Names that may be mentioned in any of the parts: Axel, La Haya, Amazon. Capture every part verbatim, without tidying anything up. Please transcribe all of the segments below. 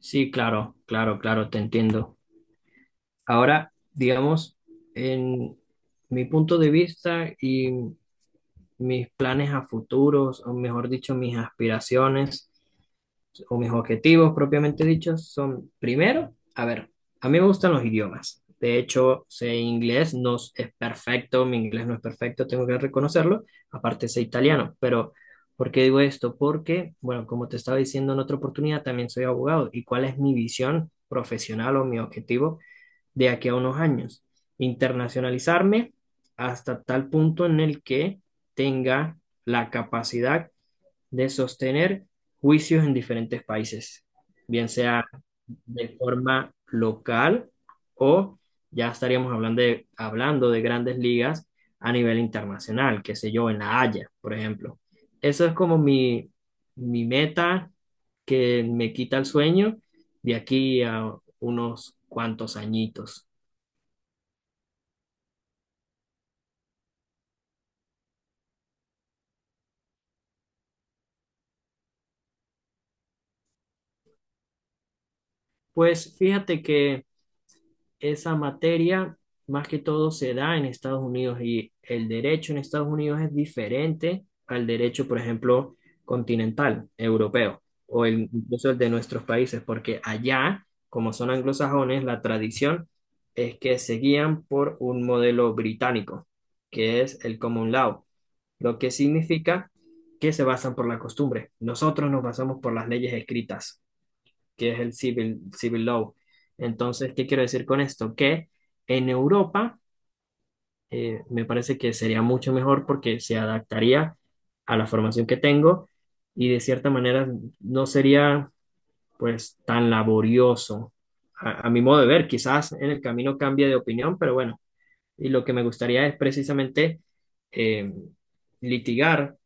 Sí, claro, claro, claro, te entiendo. Ahora, digamos, en mi punto de vista y mis planes a futuros, o mejor dicho, mis aspiraciones, o mis objetivos propiamente dichos son, primero, a ver, a mí me gustan los idiomas. De hecho, sé inglés, no es es perfecto, mi inglés no es perfecto, tengo que reconocerlo. Aparte, sé italiano. Pero ¿por qué digo esto? Porque, bueno, como te estaba diciendo en otra oportunidad, también soy abogado. ¿Y cuál es mi visión profesional o mi objetivo de aquí a unos años? Internacionalizarme hasta tal punto en el que tenga la capacidad de sostener juicios en diferentes países, bien sea de forma local o ya estaríamos hablando de, hablando de grandes ligas a nivel internacional, qué sé yo, en La Haya, por ejemplo. Eso es como mi, mi meta que me quita el sueño de aquí a unos cuantos añitos. Pues fíjate que esa materia más que todo se da en Estados Unidos y el derecho en Estados Unidos es diferente al derecho, por ejemplo, continental, europeo, o el, incluso el de nuestros países, porque allá, como son anglosajones, la tradición es que se guían por un modelo británico, que es el common law, lo que significa que se basan por la costumbre. Nosotros nos basamos por las leyes escritas que es el civil, civil law. Entonces ¿qué quiero decir con esto? Que en Europa eh, me parece que sería mucho mejor porque se adaptaría a la formación que tengo y de cierta manera no sería pues tan laborioso. A, a mi modo de ver, quizás en el camino cambie de opinión, pero bueno, y lo que me gustaría es precisamente eh, litigar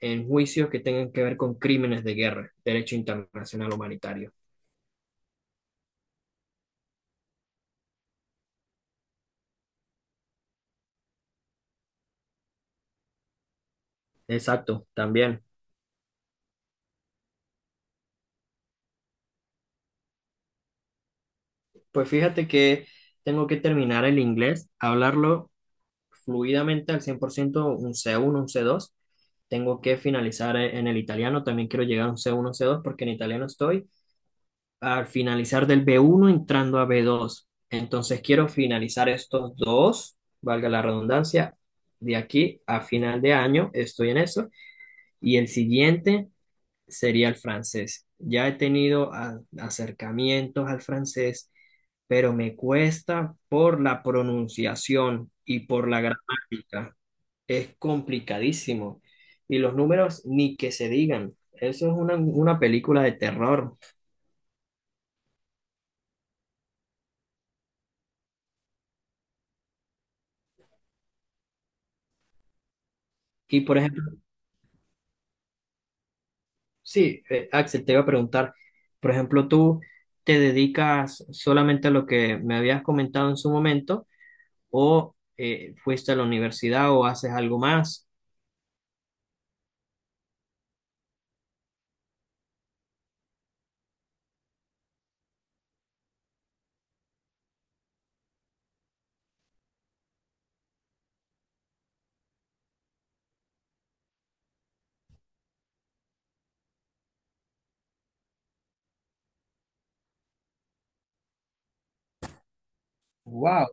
en juicios que tengan que ver con crímenes de guerra, derecho internacional humanitario. Exacto, también. Pues fíjate que tengo que terminar el inglés, hablarlo fluidamente al cien por ciento, un c uno, un c dos. Tengo que finalizar e- en el italiano, también quiero llegar a un C uno, c dos, porque en italiano estoy al finalizar del b uno entrando a b dos. Entonces quiero finalizar estos dos, valga la redundancia, de aquí a final de año estoy en eso y el siguiente sería el francés. Ya he tenido a- acercamientos al francés pero me cuesta por la pronunciación y por la gramática. Es complicadísimo. Y los números ni que se digan. Eso es una, una película de terror. Y por ejemplo, sí, eh, Axel, te iba a preguntar, por ejemplo, ¿tú te dedicas solamente a lo que me habías comentado en su momento o eh, fuiste a la universidad o haces algo más? Wow.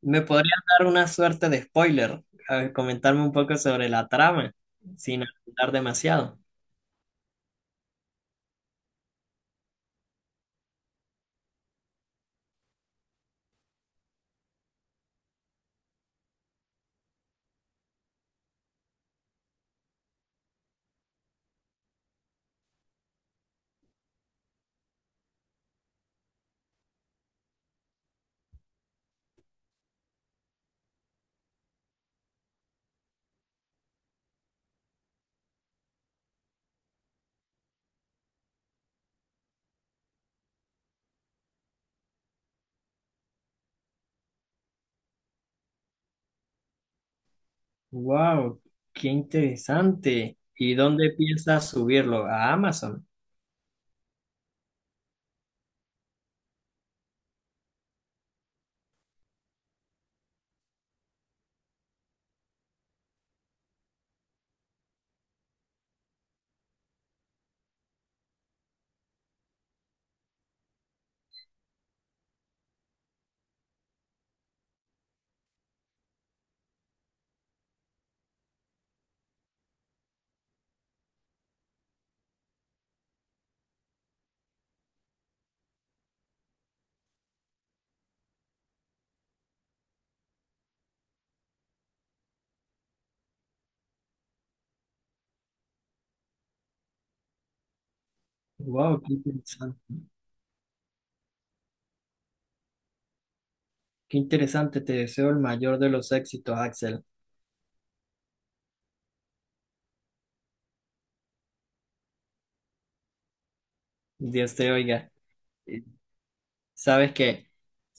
¿Me podrías dar una suerte de spoiler? A ver, comentarme un poco sobre la trama, sin hablar demasiado. Wow, qué interesante. ¿Y dónde piensas subirlo? A Amazon. Wow, qué interesante. Qué interesante. Te deseo el mayor de los éxitos, Axel. Dios te oiga. Sabes que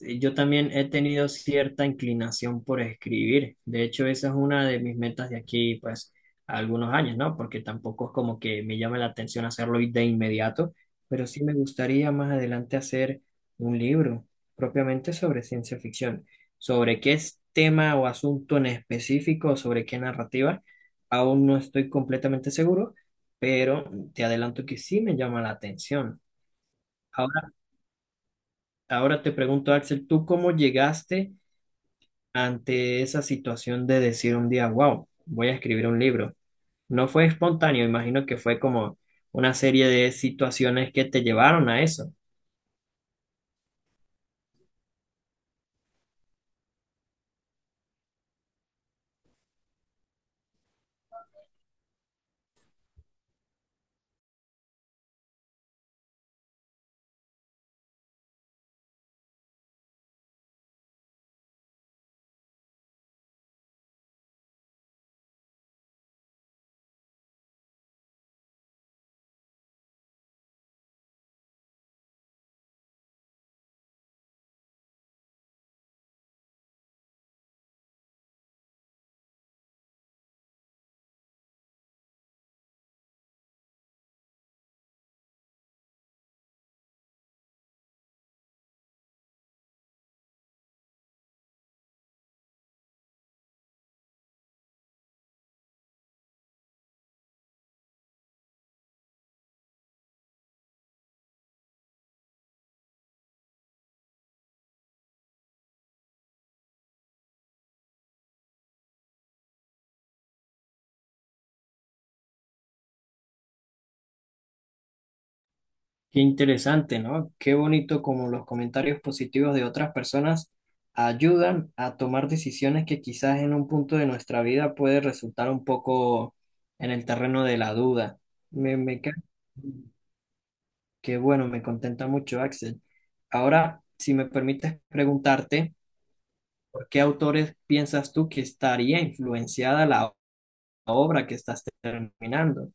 eh, yo también he tenido cierta inclinación por escribir. De hecho, esa es una de mis metas de aquí, pues, a algunos años, ¿no? Porque tampoco es como que me llame la atención hacerlo de inmediato, pero sí me gustaría más adelante hacer un libro propiamente sobre ciencia ficción. Sobre qué es tema o asunto en específico, o sobre qué narrativa, aún no estoy completamente seguro, pero te adelanto que sí me llama la atención. Ahora te pregunto, Axel, ¿tú cómo llegaste ante esa situación de decir un día, wow, voy a escribir un libro? No fue espontáneo, imagino que fue como una serie de situaciones que te llevaron a eso. Qué interesante, ¿no? Qué bonito como los comentarios positivos de otras personas ayudan a tomar decisiones que quizás en un punto de nuestra vida puede resultar un poco en el terreno de la duda. Me, me encanta. Qué bueno, me contenta mucho, Axel. Ahora, si me permites preguntarte, ¿por qué autores piensas tú que estaría influenciada la obra que estás terminando?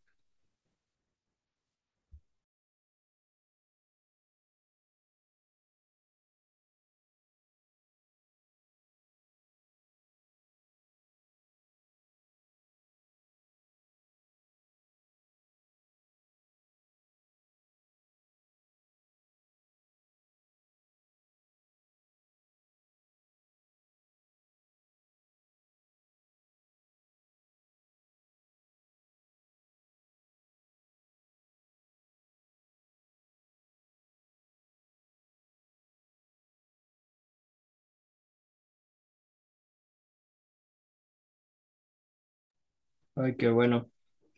Ay, qué bueno.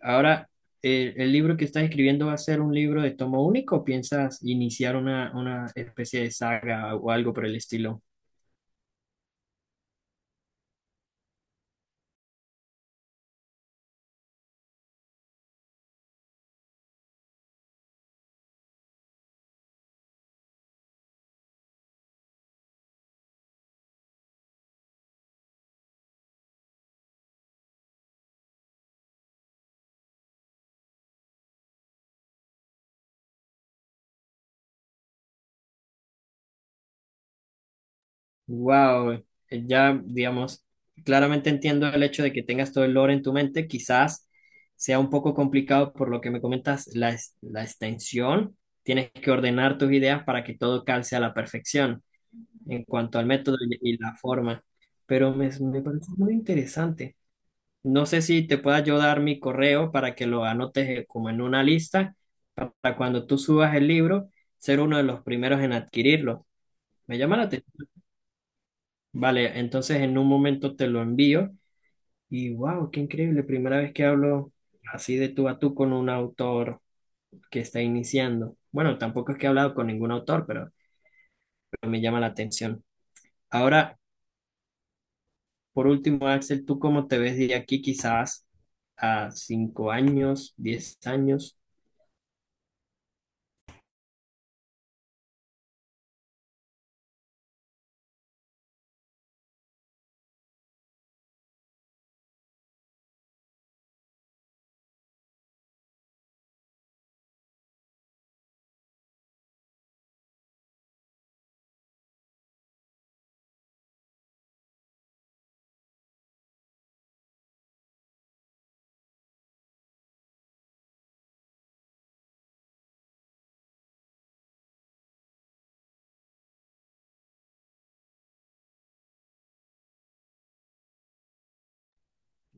Ahora, eh, ¿el libro que estás escribiendo va a ser un libro de tomo único o piensas iniciar una, una especie de saga o algo por el estilo? Wow, ya digamos, claramente entiendo el hecho de que tengas todo el lore en tu mente, quizás sea un poco complicado por lo que me comentas, la, es- la extensión, tienes que ordenar tus ideas para que todo calce a la perfección en cuanto al método y y la forma, pero me, me parece muy interesante. No sé si te pueda yo dar mi correo para que lo anotes eh, como en una lista para cuando tú subas el libro, ser uno de los primeros en adquirirlo. Me llama la atención. Vale, entonces en un momento te lo envío y wow, qué increíble, primera vez que hablo así de tú a tú con un autor que está iniciando. Bueno, tampoco es que he hablado con ningún autor, pero, pero me llama la atención. Ahora, por último, Axel, ¿tú cómo te ves de aquí quizás a cinco años, diez años?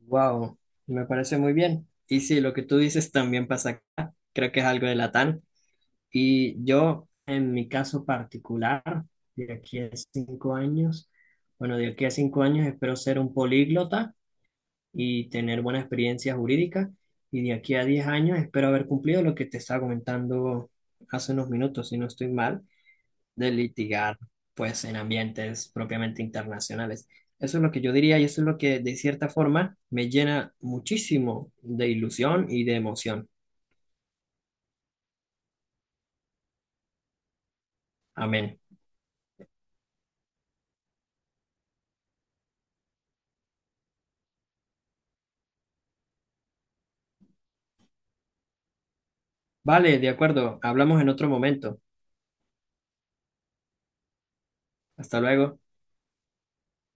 Wow, me parece muy bien. Y sí, lo que tú dices también pasa acá, creo que es algo de Latam. Y yo, en mi caso particular, de aquí a cinco años, bueno, de aquí a cinco años espero ser un políglota y tener buena experiencia jurídica. Y de aquí a diez años espero haber cumplido lo que te estaba comentando hace unos minutos, si no estoy mal, de litigar, pues, en ambientes propiamente internacionales. Eso es lo que yo diría y eso es lo que, de cierta forma, me llena muchísimo de ilusión y de emoción. Amén. Vale, de acuerdo, hablamos en otro momento. Hasta luego.